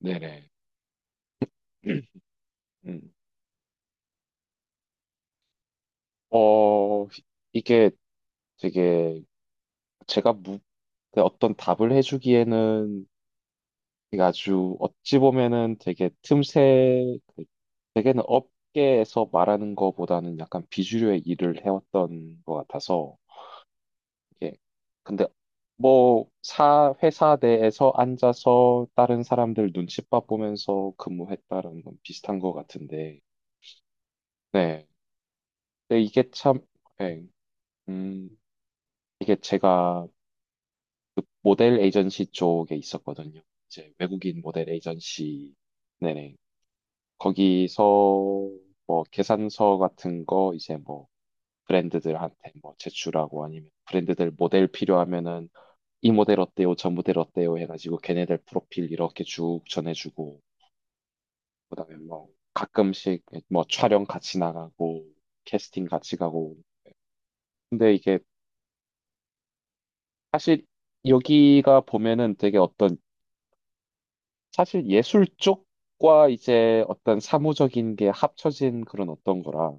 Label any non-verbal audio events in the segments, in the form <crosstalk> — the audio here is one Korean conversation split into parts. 네네. <clears throat> 음. 어, 이게 되게 제가 그 어떤 답을 해주기에는 되게 아주 어찌 보면은 되게 틈새, 그 되게는 업계에서 말하는 거보다는 약간 비주류의 일을 해왔던 것 같아서 이게 근데 뭐 회사 내에서 앉아서 다른 사람들 눈칫밥 보면서 근무했다는 건 비슷한 것 같은데. 네. 근데 이게 참, 네. 음, 이게 제가 모델 에이전시 쪽에 있었거든요. 이제 외국인 모델 에이전시, 네네. 거기서 뭐 계산서 같은 거 이제 뭐 브랜드들한테 뭐 제출하고, 아니면 브랜드들 모델 필요하면은 이 모델 어때요? 저 모델 어때요? 해가지고 걔네들 프로필 이렇게 쭉 전해주고, 그다음에 뭐 가끔씩 뭐 촬영 같이 나가고 캐스팅 같이 가고. 근데 이게 사실 여기가 보면은 되게 어떤 사실 예술 쪽과 이제 어떤 사무적인 게 합쳐진 그런 어떤 거라.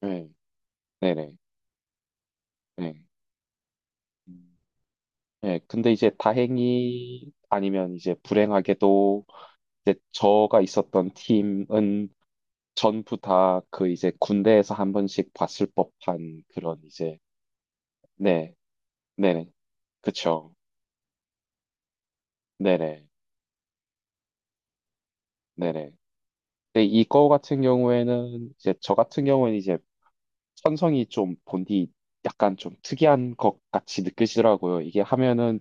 네, 네네. 네. 음. 네, 근데 이제 다행히 아니면 이제 불행하게도 이제 저가 있었던 팀은 전부 다 그 이제 군대에서 한 번씩 봤을 법한 그런 이제, 네, 네네, 그쵸, 네네, 네네. 근데 이거 같은 경우에는 이제 저 같은 경우는 이제 천성이 좀 본디 약간 좀 특이한 것 같이 느껴지더라고요. 이게 하면은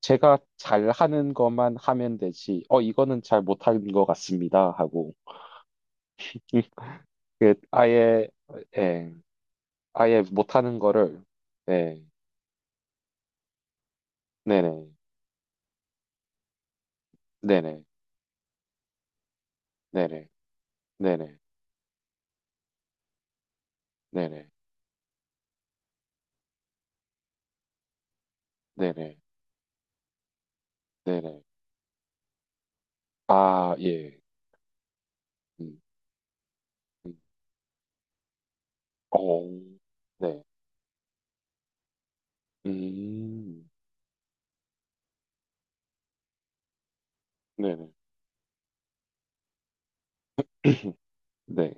제가 잘 하는 것만 하면 되지. 이거는 잘 못하는 것 같습니다. 하고 음, 그 아예, 예, 아예 못하는 거를, 예, 네네. 네네. 네네. 네네. 네네. 네네. 네네. 아 예, 음, 음, 어, 네, 음, 네네. <clears throat> 네,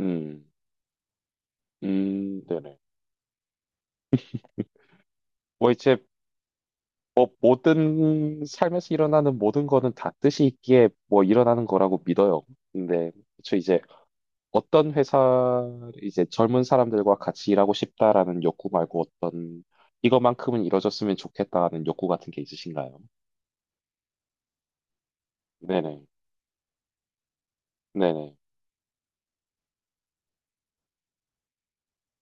음, 네네. 뭐 이제 뭐 모든 삶에서 일어나는 모든 거는 다 뜻이 있기에 뭐 일어나는 거라고 믿어요. 근데 저 이제 어떤 회사, 이제 젊은 사람들과 같이 일하고 싶다라는 욕구 말고 어떤 이거만큼은 이뤄졌으면 좋겠다는 욕구 같은 게 있으신가요? 네네. 네네.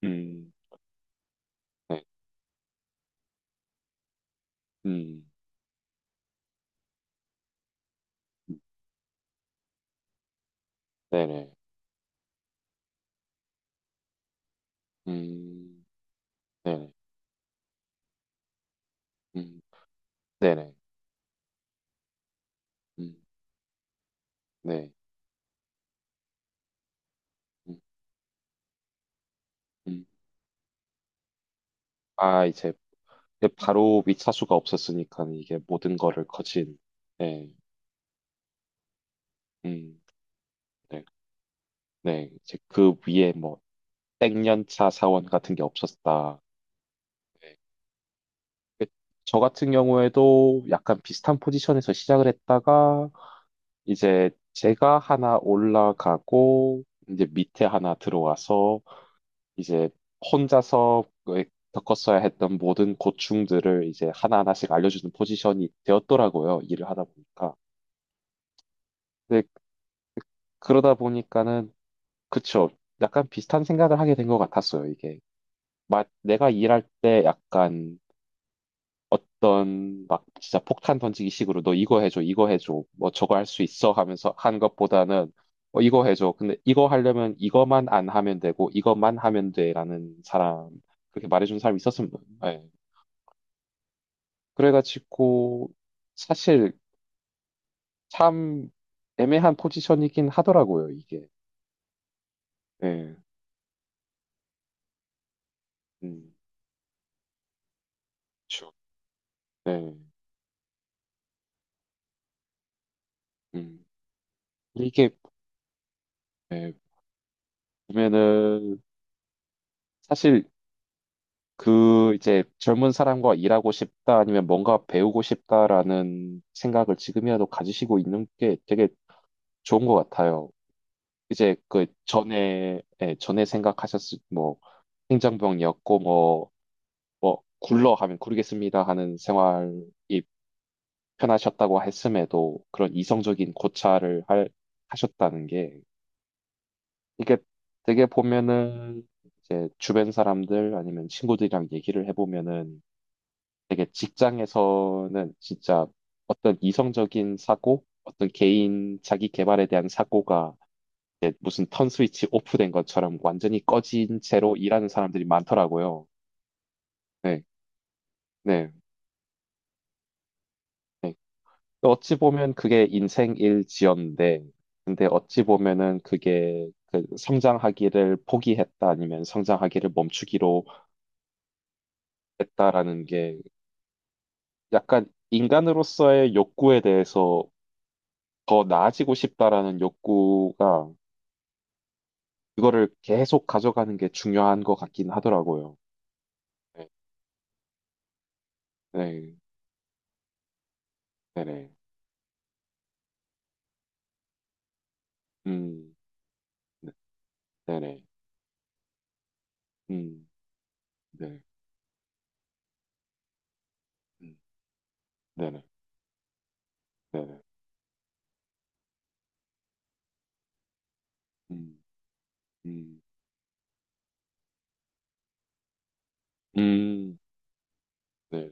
음. 네. 음. 네네. 음. 네네. 음. 네네. 음. 네. 음. 음. 아, 이제 바로 밑차수가 없었으니까 이게 모든 거를 거친. 네. 음, 네, 네. 이제 그 위에 뭐 땡년차 사원 같은 게 없었다. 네. 그- 저 같은 경우에도 약간 비슷한 포지션에서 시작을 했다가, 이제 제가 하나 올라가고 이제 밑에 하나 들어와서 이제 혼자서 겪었어야 했던 모든 고충들을 이제 하나하나씩 알려주는 포지션이 되었더라고요. 일을 하다 보니까. 근데 그러다 보니까는, 그쵸, 약간 비슷한 생각을 하게 된 것 같았어요, 이게. 막 내가 일할 때 약간 어떤 막 진짜 폭탄 던지기 식으로 너 이거 해줘, 이거 해줘, 뭐 저거 할 수 있어 하면서 한 것보다는 이거 해줘. 근데 이거 하려면 이거만 안 하면 되고 이것만 하면 돼라는 사람, 그렇게 말해준 사람이 있었으면. 예. 그래가지고 사실 참 애매한 포지션이긴 하더라고요 이게. 예. 음. 그쵸. 예. 음. 이게 예, 보면은 사실 그 이제 젊은 사람과 일하고 싶다 아니면 뭔가 배우고 싶다라는 생각을 지금이라도 가지시고 있는 게 되게 좋은 것 같아요. 이제 그 전에 예, 전에 생각하셨을 뭐 행정병이었고 뭐 뭐 굴러 하면 구르겠습니다 하는 생활이 편하셨다고 했음에도 그런 이성적인 고찰을 할, 하셨다는 게, 이게 되게 보면은 이제 주변 사람들 아니면 친구들이랑 얘기를 해보면은 되게 직장에서는 진짜 어떤 이성적인 사고, 어떤 개인 자기 개발에 대한 사고가 이제 무슨 턴 스위치 오프된 것처럼 완전히 꺼진 채로 일하는 사람들이 많더라고요. 네, 네, 네. 또 어찌 보면 그게 인생일지언데, 근데 어찌 보면은 그게 그 성장하기를 포기했다 아니면 성장하기를 멈추기로 했다라는 게 약간 인간으로서의 욕구에 대해서 더 나아지고 싶다라는 욕구가 이거를 계속 가져가는 게 중요한 것 같긴 하더라고요. 네, 네, 네네. 음, 네, 네네. 음, 네, 음, 네네, 네네. 음, 음, 음, 네.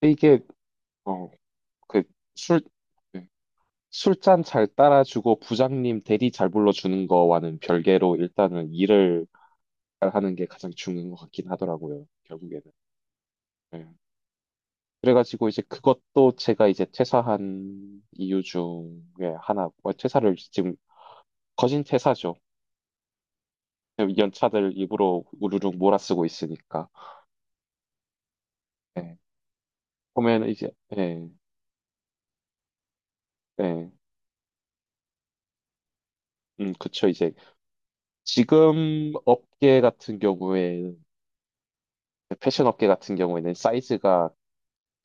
근데 이게, 어, 그, 술, 네. 술잔 잘 따라주고 부장님 대리 잘 불러주는 거와는 별개로 일단은 일을 잘 하는 게 가장 중요한 것 같긴 하더라고요, 결국에는. 네. 그래가지고 이제 그것도 제가 이제 퇴사한 이유 중에 하나, 퇴사를 지금 거진 퇴사죠. 연차들 입으로 우르르 몰아쓰고 있으니까. 예. 보면 이제 예, 예, 그쵸. 이제 지금 업계 같은 경우에 패션 업계 같은 경우에는 사이즈가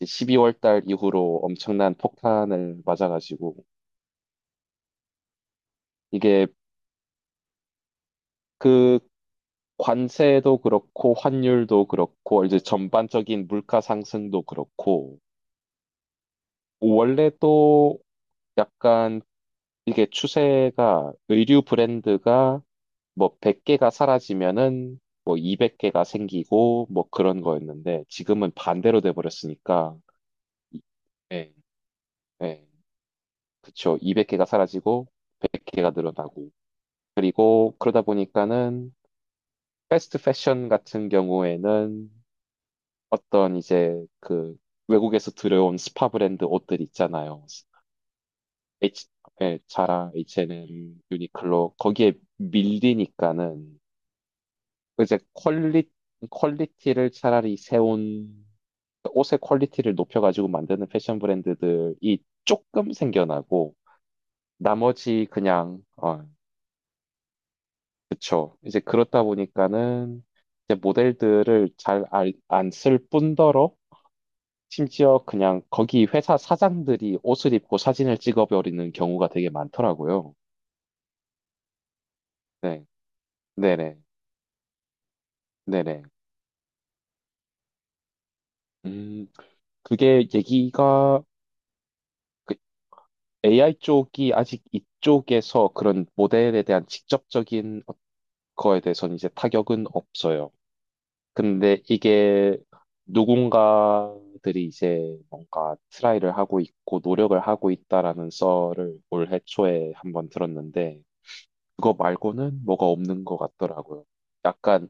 12월 달 이후로 엄청난 폭탄을 맞아가지고 이게 그 관세도 그렇고 환율도 그렇고 이제 전반적인 물가 상승도 그렇고, 원래 또 약간 이게 추세가 의류 브랜드가 뭐 100개가 사라지면은 뭐 200개가 생기고 뭐 그런 거였는데 지금은 반대로 돼버렸으니까. 이- 예, 예, 그쵸. 200개가 사라지고 100개가 늘어나고. 그리고 그러다 보니까는 패스트 패션 같은 경우에는 어떤 이제 그 외국에서 들여온 스파 브랜드 옷들 있잖아요. H, 예, 자라, H&M, 유니클로 거기에 밀리니까는 그 이제 퀄리티를 차라리 세운, 옷의 퀄리티를 높여가지고 만드는 패션 브랜드들이 조금 생겨나고, 나머지 그냥, 그쵸. 이제 그렇다 보니까는, 이제 모델들을 잘 안 쓸 뿐더러, 심지어 그냥 거기 회사 사장들이 옷을 입고 사진을 찍어버리는 경우가 되게 많더라고요. 네. 네네. 네네. 음, 그게 얘기가, 그 AI 쪽이 아직 이쪽에서 그런 모델에 대한 직접적인 거에 대해서는 이제 타격은 없어요. 근데 이게 누군가들이 이제 뭔가 트라이를 하고 있고 노력을 하고 있다라는 썰을 올해 초에 한번 들었는데 그거 말고는 뭐가 없는 것 같더라고요. 약간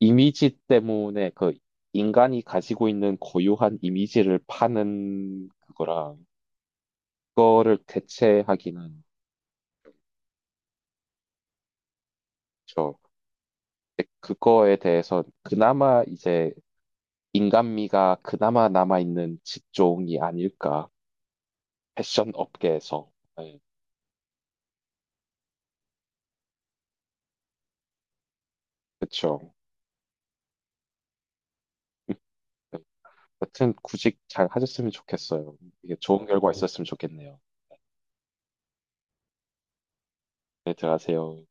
이미지 때문에 그 인간이 가지고 있는 고유한 이미지를 파는 그거랑 그거를 대체하기는, 그거에 대해서 그나마 이제 인간미가 그나마 남아있는 직종이 아닐까. 패션 업계에서. 네, 그쵸. 음, 네. 여튼 구직 잘 하셨으면 좋겠어요. 이게 좋은 결과 있었으면 좋겠네요. 네, 들어가세요.